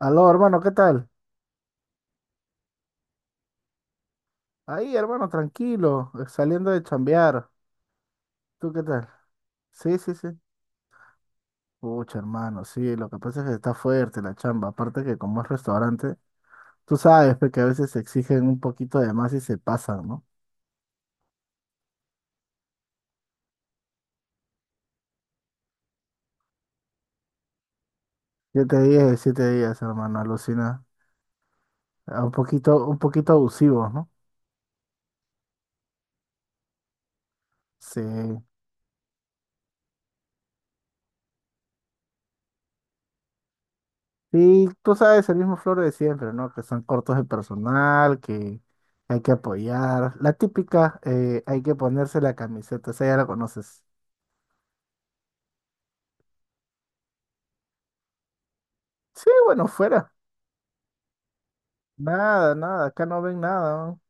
Aló, hermano, ¿qué tal? Ahí, hermano, tranquilo, saliendo de chambear. ¿Tú qué tal? Sí, sí, sí. Pucha, hermano, sí, lo que pasa es que está fuerte la chamba. Aparte que como es restaurante, tú sabes pe, que a veces se exigen un poquito de más y se pasan, ¿no? 7 días de 7 días, hermano, alucina. Ah, un poquito, un poquito abusivos, ¿no? Sí. Sí, tú sabes, el mismo floro de siempre, ¿no? Que son cortos de personal, que hay que apoyar. La típica, hay que ponerse la camiseta, esa ya la conoces. Sí, bueno, fuera. Nada, nada, acá no ven nada, ¿no?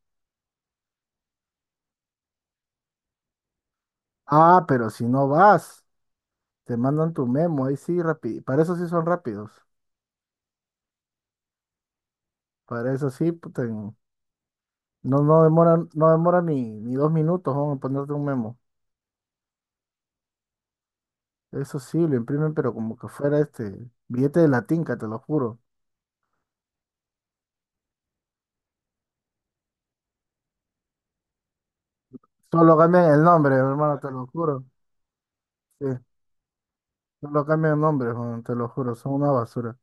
Ah, pero si no vas, te mandan tu memo, ahí sí, rápido. Para eso sí son rápidos. Para eso sí, puta, no, no demoran, no demoran ni 2 minutos, vamos a ponerte un memo. Eso sí, lo imprimen, pero como que fuera este billete de la tinca, te lo juro. Solo cambian el nombre, hermano, te lo juro. Sí, solo cambian el nombre, Juan, te lo juro, son una basura.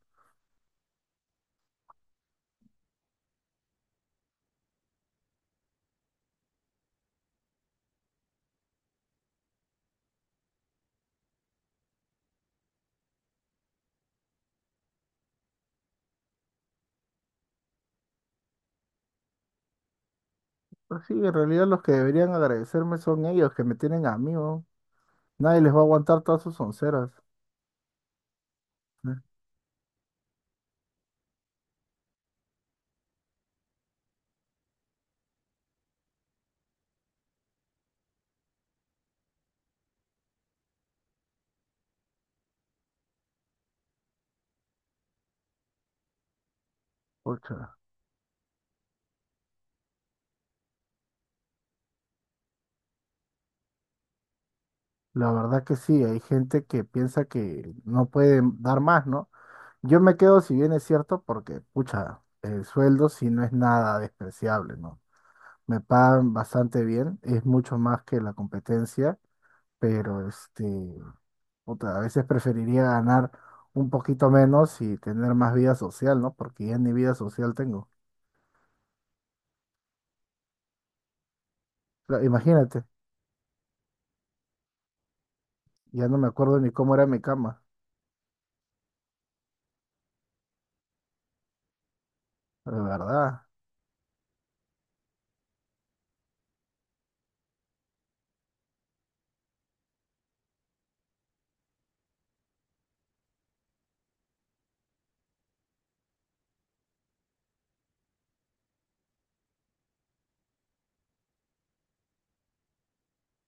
Pero sí, en realidad los que deberían agradecerme son ellos que me tienen a mí, weón. Nadie les va a aguantar todas sus onceras. Eh, pucha, la verdad que sí, hay gente que piensa que no puede dar más, ¿no? Yo me quedo, si bien es cierto, porque, pucha, el sueldo sí no es nada despreciable, ¿no? Me pagan bastante bien, es mucho más que la competencia, pero este. Puta, a veces preferiría ganar un poquito menos y tener más vida social, ¿no? Porque ya ni vida social tengo. Pero imagínate, ya no me acuerdo ni cómo era mi cama. De verdad.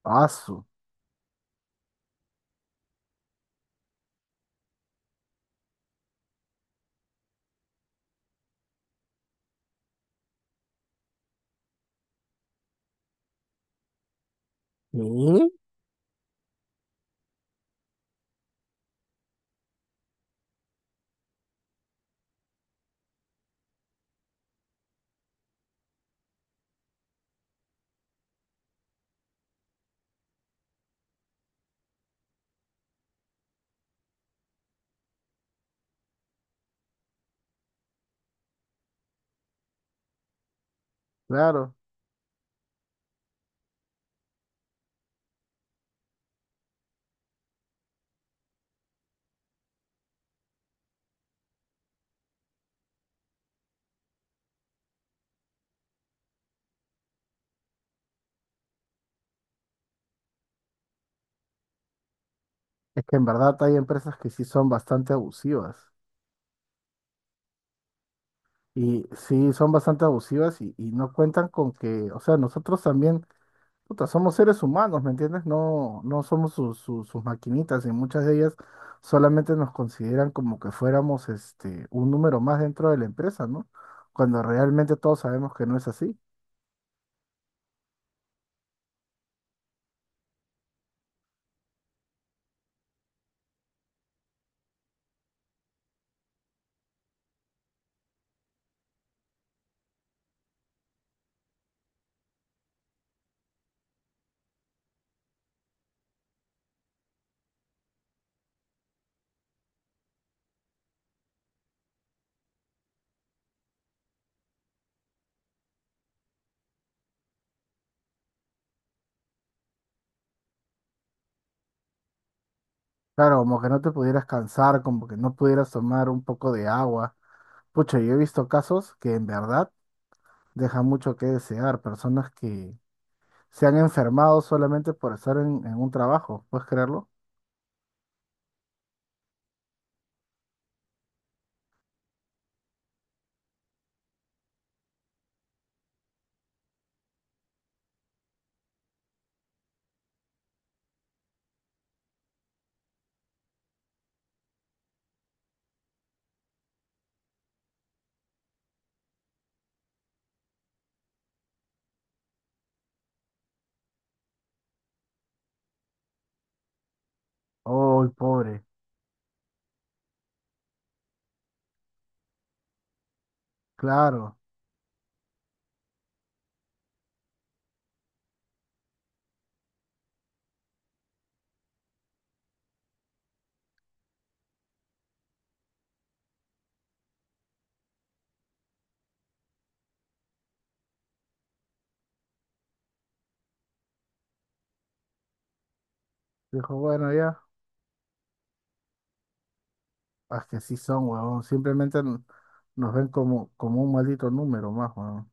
Asu. ¿Qué? Claro. Es que en verdad hay empresas que sí son bastante abusivas. Y sí son bastante abusivas y, no cuentan con que, o sea, nosotros también. Puta, somos seres humanos, ¿me entiendes? No, no somos sus maquinitas y muchas de ellas solamente nos consideran como que fuéramos este, un número más dentro de la empresa, ¿no? Cuando realmente todos sabemos que no es así. Claro, como que no te pudieras cansar, como que no pudieras tomar un poco de agua. Pucha, yo he visto casos que en verdad dejan mucho que desear, personas que se han enfermado solamente por estar en un trabajo, ¿puedes creerlo? ¡Oh, pobre! Claro. Dijo, bueno, ya. Ah, que sí son, weón. Simplemente nos ven como, como un maldito número más, weón.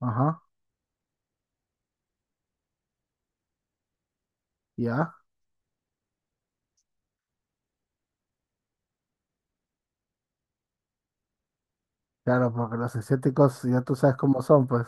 Ajá, ya. Claro, porque los asiáticos ya tú sabes cómo son, pues.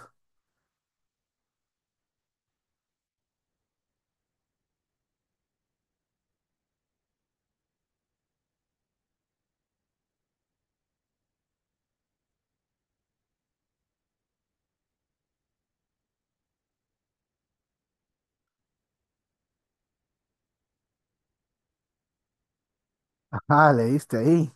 Ajá, leíste ahí.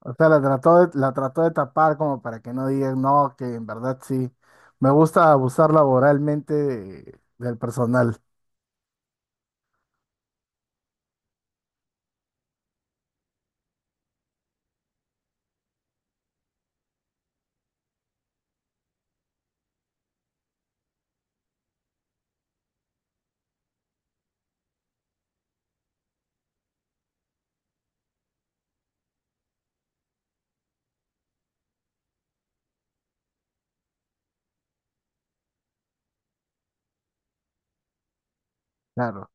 O sea, la trató de tapar como para que no digan, no, que en verdad sí. Me gusta abusar laboralmente del personal. Claro,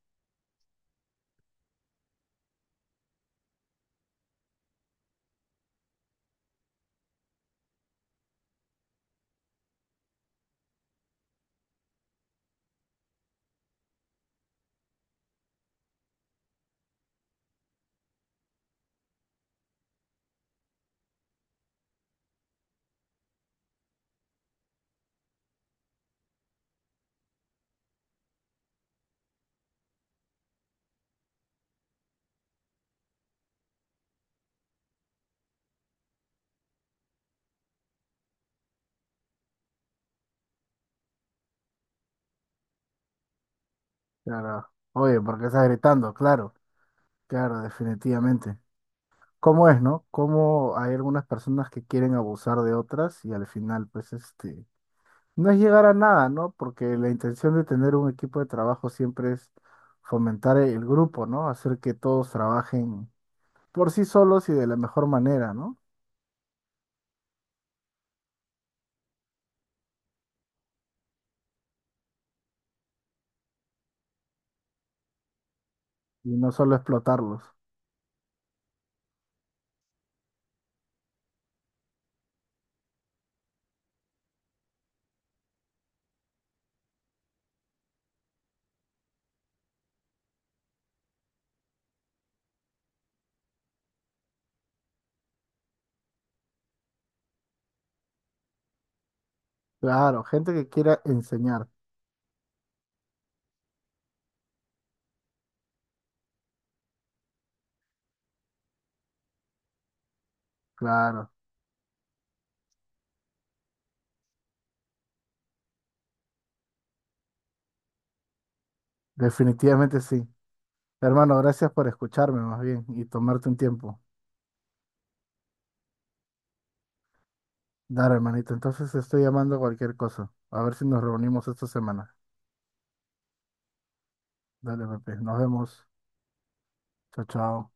claro. Oye, ¿por qué estás gritando? Claro, claro, definitivamente. ¿Cómo es, no? ¿Cómo hay algunas personas que quieren abusar de otras y al final, pues, este... no es llegar a nada, ¿no? Porque la intención de tener un equipo de trabajo siempre es fomentar el grupo, ¿no? Hacer que todos trabajen por sí solos y de la mejor manera, ¿no? Y no solo explotarlos. Claro, gente que quiera enseñar. Claro, definitivamente sí. Hermano, gracias por escucharme más bien y tomarte un tiempo. Dale, hermanito. Entonces estoy llamando a cualquier cosa. A ver si nos reunimos esta semana. Dale, Pepe. Nos vemos. Chao, chao.